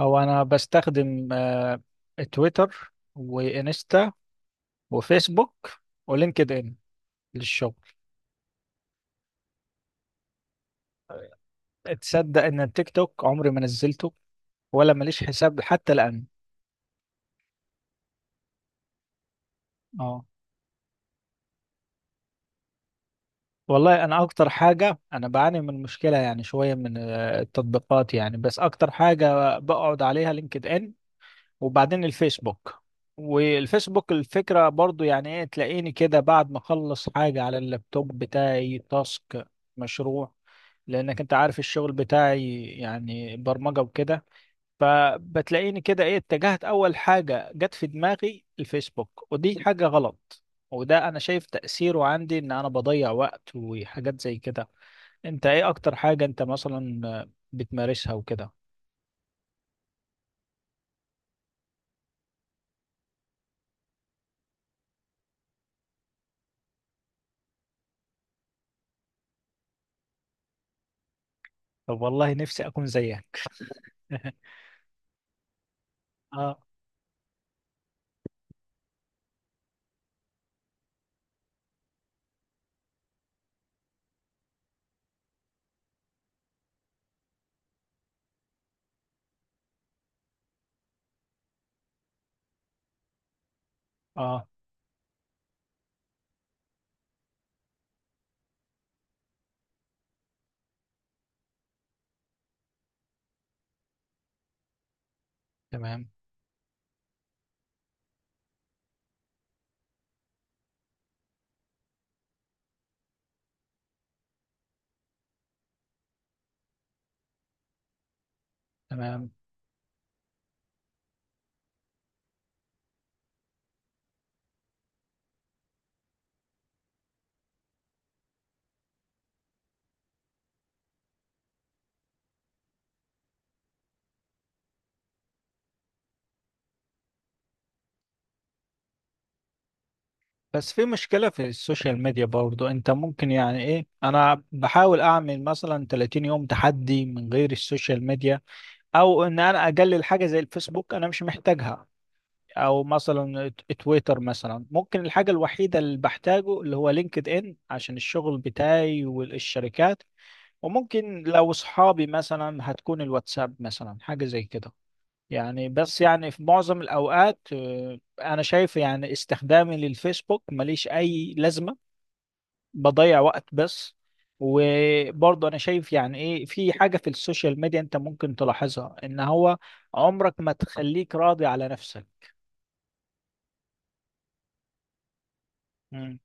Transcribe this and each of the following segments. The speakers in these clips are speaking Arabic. هو انا بستخدم تويتر وانستا وفيسبوك ولينكد ان للشغل. تصدق ان التيك توك عمري ما نزلته؟ ولا ماليش حساب حتى الان. اه، والله انا اكتر حاجه انا بعاني من مشكله يعني شويه من التطبيقات يعني، بس اكتر حاجه بقعد عليها لينكد ان، وبعدين الفيسبوك. والفيسبوك الفكرة برضو يعني ايه، تلاقيني كده بعد ما اخلص حاجة على اللابتوب بتاعي تاسك، مشروع، لانك انت عارف الشغل بتاعي يعني برمجة وكده. فبتلاقيني كده ايه، اتجهت اول حاجة جت في دماغي الفيسبوك، ودي حاجة غلط. وده انا شايف تأثيره عندي ان انا بضيع وقت وحاجات زي كده. انت ايه اكتر حاجة انت مثلا بتمارسها وكده؟ طب والله نفسي اكون زيك. اه، اه، تمام، تمام. بس في مشكلة في السوشيال ميديا برضو، انت ممكن يعني ايه، انا بحاول اعمل مثلا 30 يوم تحدي من غير السوشيال ميديا، او ان انا اقلل حاجة زي الفيسبوك انا مش محتاجها، او مثلا تويتر مثلا. ممكن الحاجة الوحيدة اللي بحتاجه اللي هو لينكد ان عشان الشغل بتاعي والشركات. وممكن لو اصحابي مثلا هتكون الواتساب مثلا حاجة زي كده. يعني بس يعني في معظم الأوقات أنا شايف يعني استخدامي للفيسبوك ماليش أي لازمة، بضيع وقت بس. وبرضه أنا شايف يعني إيه، في حاجة في السوشيال ميديا أنت ممكن تلاحظها، إن هو عمرك ما تخليك راضي على نفسك. مم.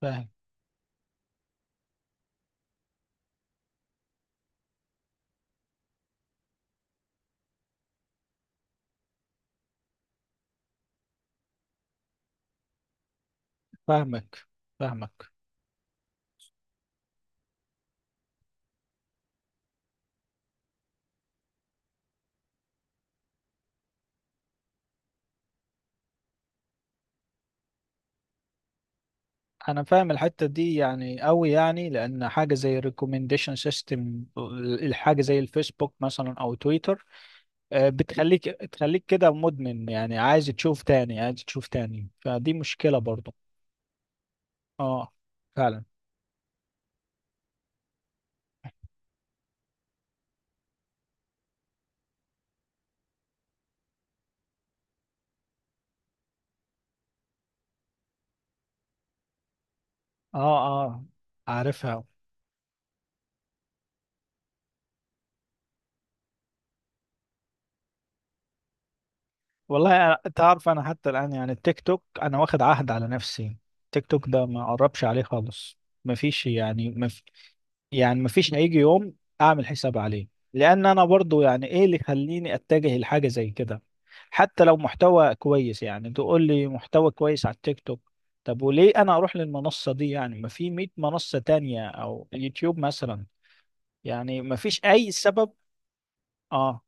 فاهم. فاهمك، فاهمك. أنا فاهم الحتة دي يعني أوي، يعني لأن حاجة زي الريكومنديشن سيستم، الحاجة زي الفيسبوك مثلا أو تويتر، بتخليك كده مدمن، يعني عايز تشوف تاني، عايز تشوف تاني، فدي مشكلة برضو. اه، فعلا. اه، اه. عارفها. والله تعرف انا حتى الان يعني التيك توك انا واخد عهد على نفسي، التيك توك ده ما اقربش عليه خالص. ما فيش يعني، يعني مفيش هيجي يوم اعمل حساب عليه، لان انا برضو يعني ايه اللي يخليني اتجه لحاجه زي كده؟ حتى لو محتوى كويس، يعني تقول لي محتوى كويس على التيك توك، طب وليه انا اروح للمنصه دي؟ يعني ما في 100 منصه تانية او يوتيوب مثلا، يعني ما فيش اي سبب. اه،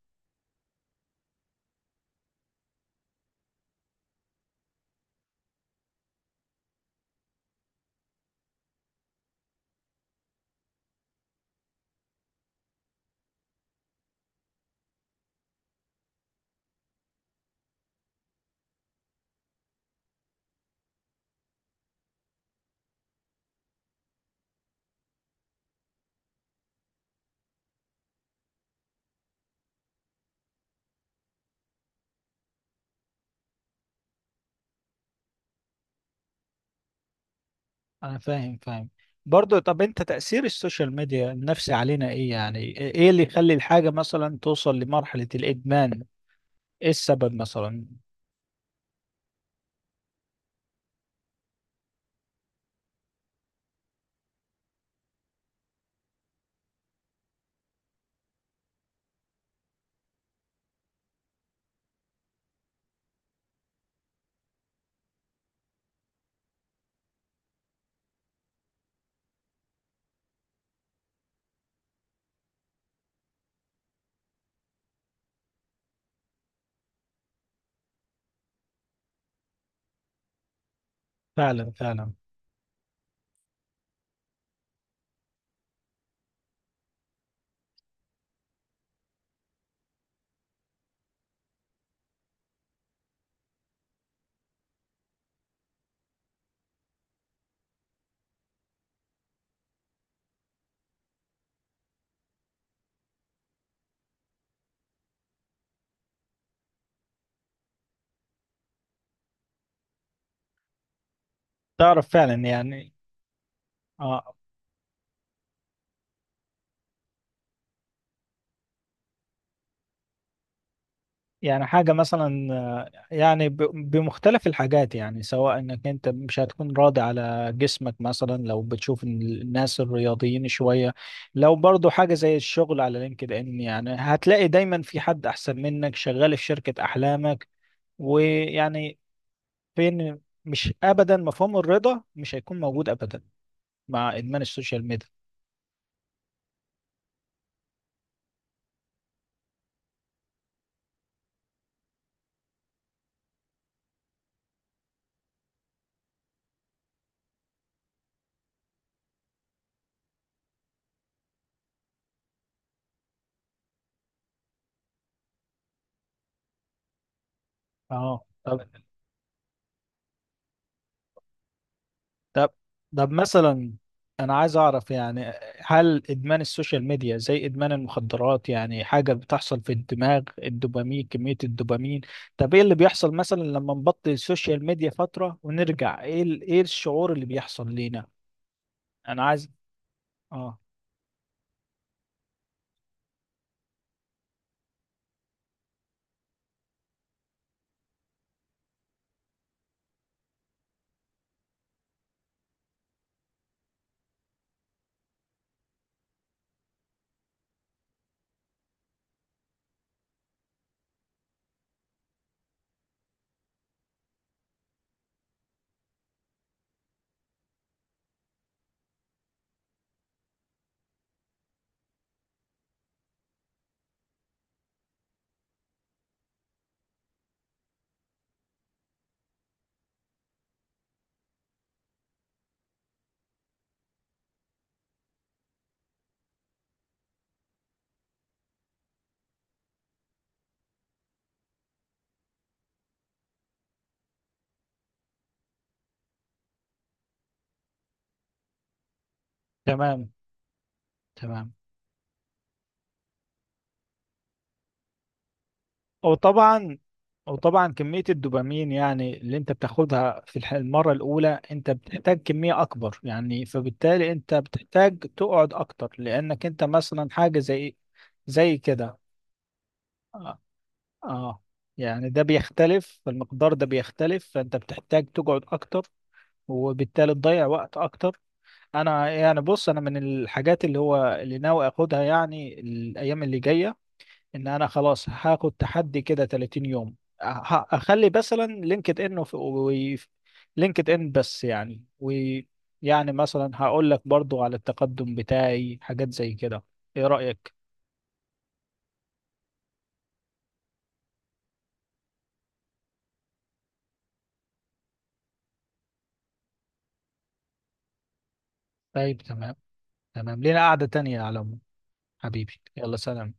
انا فاهم، فاهم. برضو طب انت تاثير السوشيال ميديا النفسي علينا ايه؟ يعني ايه اللي يخلي الحاجه مثلا توصل لمرحله الادمان؟ ايه السبب مثلا؟ فعلا، فعلا. تعرف فعلا يعني. اه، يعني حاجة مثلا يعني بمختلف الحاجات، يعني سواء انك انت مش هتكون راضي على جسمك مثلا لو بتشوف إن الناس الرياضيين شوية، لو برضو حاجة زي الشغل على لينكد ان يعني هتلاقي دايما في حد احسن منك شغال في شركة احلامك. ويعني فين، مش ابدا، مفهوم الرضا مش هيكون موجود ابدا مع ادمان السوشيال ميديا. اه، طب. طب. طب مثلا، انا عايز اعرف يعني، هل ادمان السوشيال ميديا زي ادمان المخدرات؟ يعني حاجة بتحصل في الدماغ، الدوبامين، كمية الدوبامين. طب ايه اللي بيحصل مثلا لما نبطل السوشيال ميديا فترة ونرجع؟ ايه ايه الشعور اللي بيحصل لينا؟ انا عايز. اه. تمام، تمام. وطبعا وطبعا كمية الدوبامين يعني اللي انت بتاخدها في المرة الأولى، انت بتحتاج كمية أكبر، يعني فبالتالي انت بتحتاج تقعد أكتر لأنك انت مثلا حاجة زي إيه؟ زي كده. اه. آه. يعني ده بيختلف، المقدار ده بيختلف، فانت بتحتاج تقعد أكتر وبالتالي تضيع وقت أكتر. أنا يعني بص، أنا من الحاجات اللي هو اللي ناوي أخدها يعني الأيام اللي جاية، ان انا خلاص هاخد تحدي كده 30 يوم. اخلي مثلا لينكد ان و لينكد ان بس يعني. ويعني مثلا هقول لك برضو على التقدم بتاعي حاجات زي كده، ايه رأيك؟ طيب، تمام. تمام، لينا قعدة تانية يا علم. حبيبي يلا سلام.